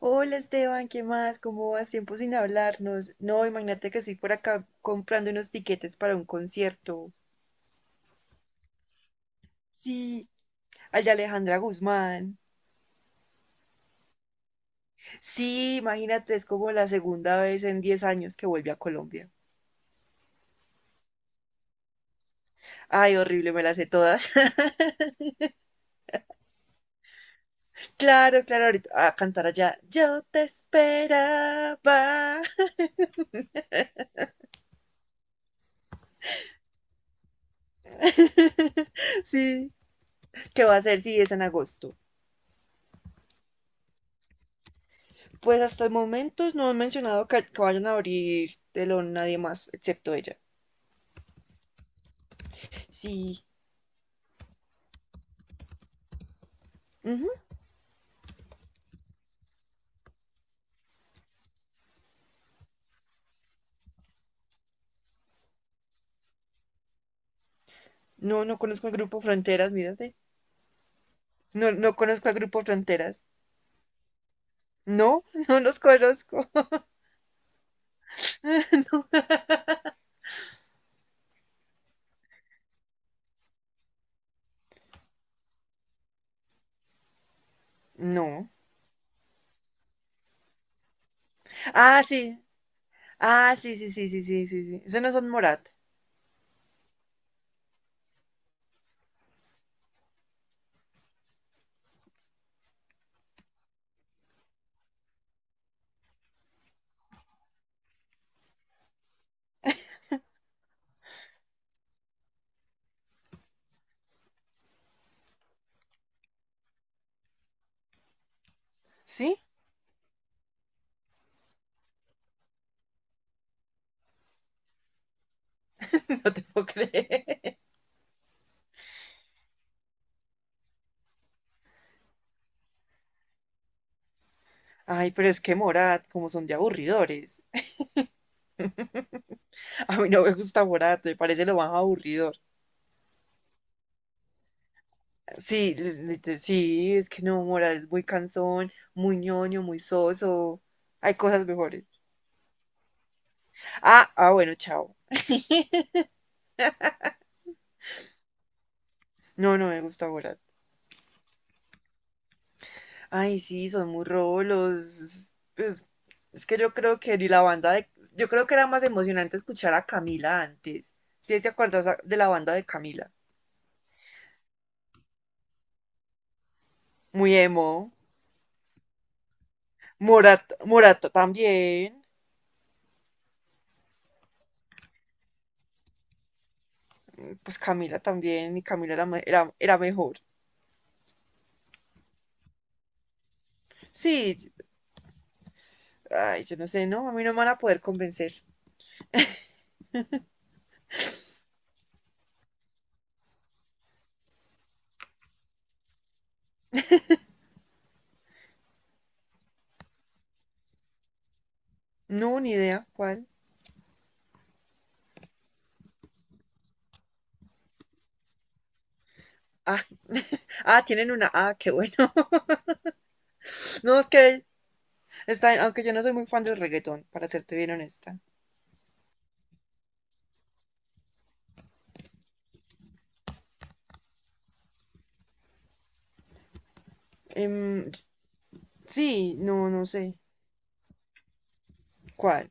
Hola Esteban, ¿qué más? ¿Cómo vas? Tiempo sin hablarnos. No, imagínate que estoy por acá comprando unos tiquetes para un concierto. Sí, al de Alejandra Guzmán. Sí, imagínate, es como la segunda vez en 10 años que vuelve a Colombia. Ay, horrible, me las sé todas. Claro, claro, ahorita a cantar allá. Yo te esperaba. Sí, ¿qué va a hacer si es en agosto? Pues hasta el momento no han mencionado que vayan a abrir telón nadie más excepto ella. Sí, ujú. No, no conozco al grupo Fronteras, mírate. No, no conozco al grupo Fronteras. No, no los conozco. No. Ah, sí. Ah, sí, sí, sí, sí, sí, sí, sí. Esos no son Morat. ¿Sí? No te puedo creer. Ay, pero es que Morat, como son de aburridores. A mí no me gusta Morat, me parece lo más aburridor. Sí, sí, es que no, Morat es muy cansón, muy ñoño, muy soso. Hay cosas mejores. Ah, bueno, chao. No, no me gusta Morat. Ay, sí, son muy rolos. Pues, es que yo creo que ni la banda de... Yo creo que era más emocionante escuchar a Camila antes. ¿Sí te acuerdas de la banda de Camila? Muy emo. Morata también. Pues Camila también. Y Camila era mejor. Sí, ay, yo no sé, ¿no? A mí no me van a poder convencer. No, ni idea cuál. Ah, ah, tienen una. Ah, qué bueno. No, es que está, aunque yo no soy muy fan del reggaetón, para serte bien honesta. Em, Sí, no, no sé. ¿Cuál?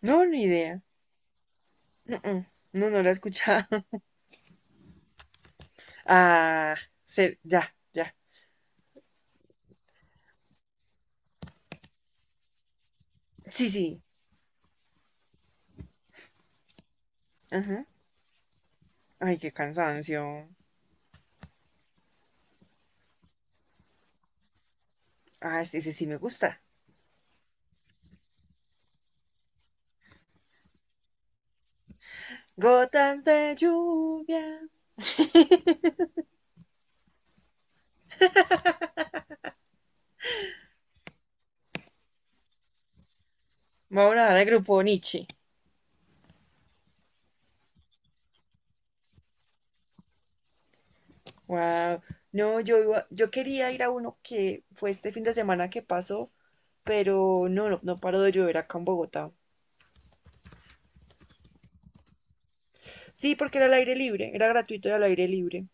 No, ni idea. No, no, no, no la he escuchado. Ah, ya, ya. Sí, sí. Ajá. Ay, qué cansancio. Ah, ese sí me gusta. Gotas de lluvia. Vamos a hablar del grupo Nietzsche. Wow. No, yo quería ir a uno que fue este fin de semana que pasó, pero no, no, no paró de llover acá en Bogotá. Sí, porque era al aire libre, era gratuito y al aire libre.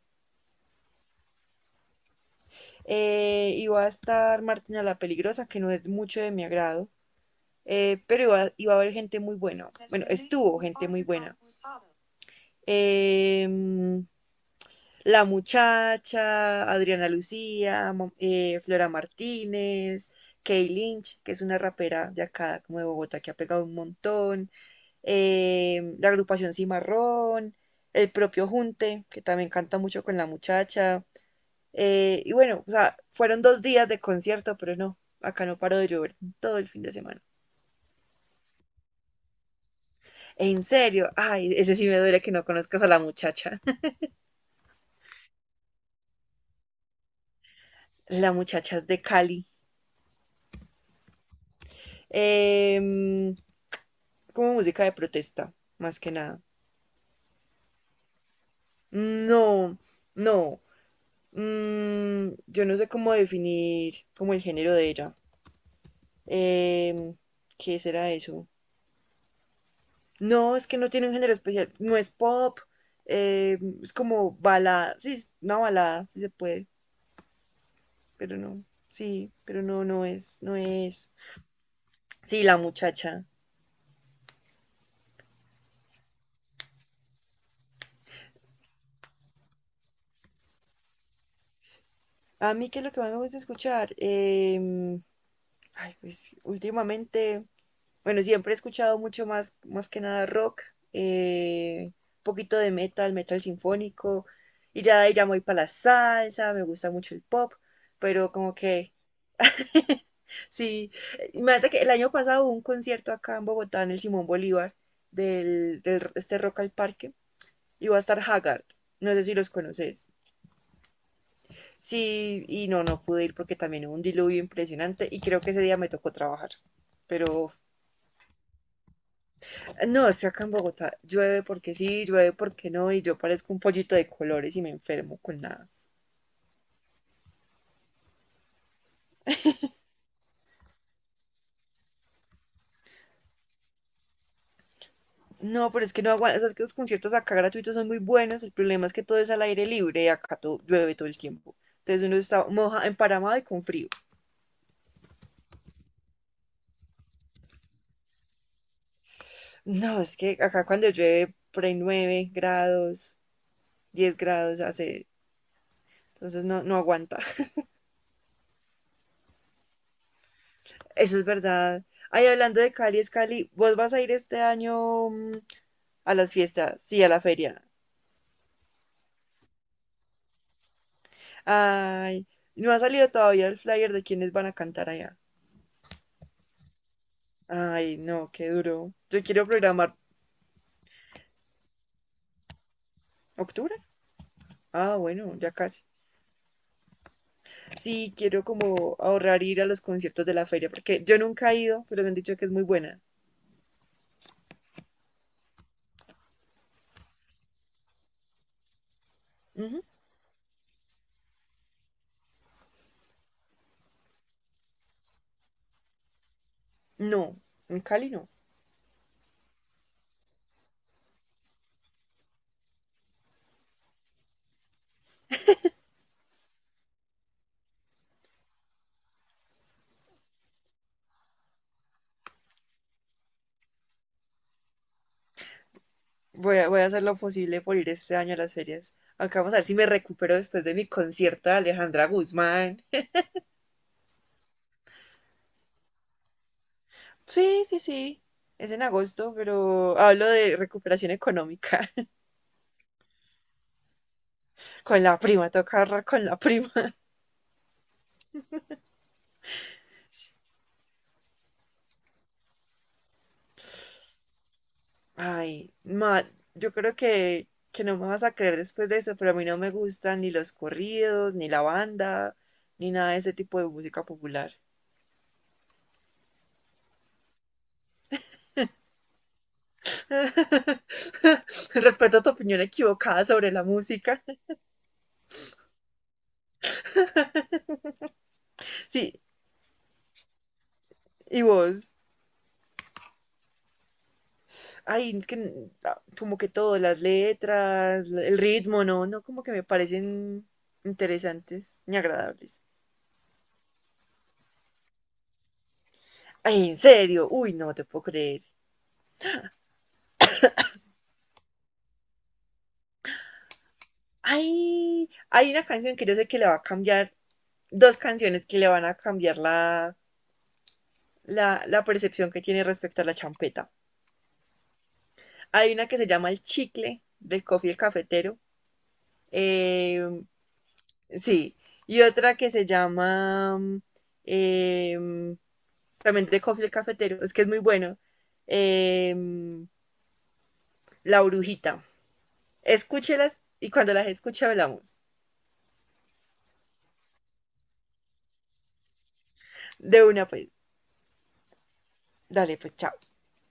Iba a estar Martina la Peligrosa, que no es mucho de mi agrado, pero iba a haber gente muy buena. Bueno, estuvo gente muy buena. Em, la muchacha, Adriana Lucía, Flora Martínez, Kay Lynch, que es una rapera de acá, como de Bogotá, que ha pegado un montón, la agrupación Cimarrón, el propio Junte, que también canta mucho con la muchacha, y bueno, o sea, fueron 2 días de concierto, pero no, acá no paró de llover todo el fin de semana. En serio, ay, ese sí me duele que no conozcas a la muchacha. La muchacha es de Cali. Em, como música de protesta, más que nada. No, no. Yo no sé cómo definir como el género de ella. Em, ¿Qué será eso? No, es que no tiene un género especial. No es pop. Es como balada. Sí, es una balada, si se puede, pero no, sí, pero no, no es. Sí, la muchacha. A mí, ¿qué es lo que más me gusta escuchar? Ay, pues últimamente, bueno, siempre he escuchado mucho más, más que nada rock, eh, un poquito de metal, metal sinfónico, y ya de ahí ya me voy para la salsa, me gusta mucho el pop, pero como que, sí, imagínate que el año pasado hubo un concierto acá en Bogotá, en el Simón Bolívar, este Rock al Parque. Y va a estar Haggard. No sé si los conoces. Sí, y no pude ir porque también hubo un diluvio impresionante y creo que ese día me tocó trabajar. Pero no, es que acá en Bogotá llueve porque sí, llueve porque no, y yo parezco un pollito de colores y me enfermo con nada. No, pero es que no aguanta, sabes que los conciertos acá gratuitos son muy buenos, el problema es que todo es al aire libre y acá todo, llueve todo el tiempo. Entonces uno está emparamado y con frío. No, es que acá cuando llueve por ahí 9 grados, 10 grados hace, entonces no aguanta. Eso es verdad. Ay, hablando de Cali, es Cali. ¿Vos vas a ir este año, a las fiestas? Sí, a la feria. Ay, no ha salido todavía el flyer de quiénes van a cantar allá. Ay, no, qué duro. Yo quiero programar octubre. Ah, bueno, ya casi. Sí, quiero como ahorrar ir a los conciertos de la feria, porque yo nunca he ido, pero me han dicho que es muy buena. Ujú. No, en Cali no. Voy a hacer lo posible por ir este año a las ferias. Acá vamos a ver si me recupero después de mi concierto de Alejandra Guzmán. Sí, sí, sí. Es en agosto, pero hablo de recuperación económica. Con la prima, toca ahorrar con la prima. Ay, ma, yo creo que no me vas a creer después de eso, pero a mí no me gustan ni los corridos, ni la banda, ni nada de ese tipo de música popular. Respeto tu opinión equivocada sobre la música. Sí, ¿y vos? Ay, es que como que todo, las letras, el ritmo, no, no, como que me parecen interesantes ni agradables. Ay, en serio, uy, no te puedo creer. Ay, hay una canción que yo sé que le va a cambiar, dos canciones que le van a cambiar la percepción que tiene respecto a la champeta. Hay una que se llama El Chicle, del Coffee el Cafetero. eh, sí, y otra que se llama em, también de Coffee el Cafetero, es que es muy bueno. Eh, la Brujita. Escúchelas y cuando las escuche hablamos. De una, pues, dale, pues, chao.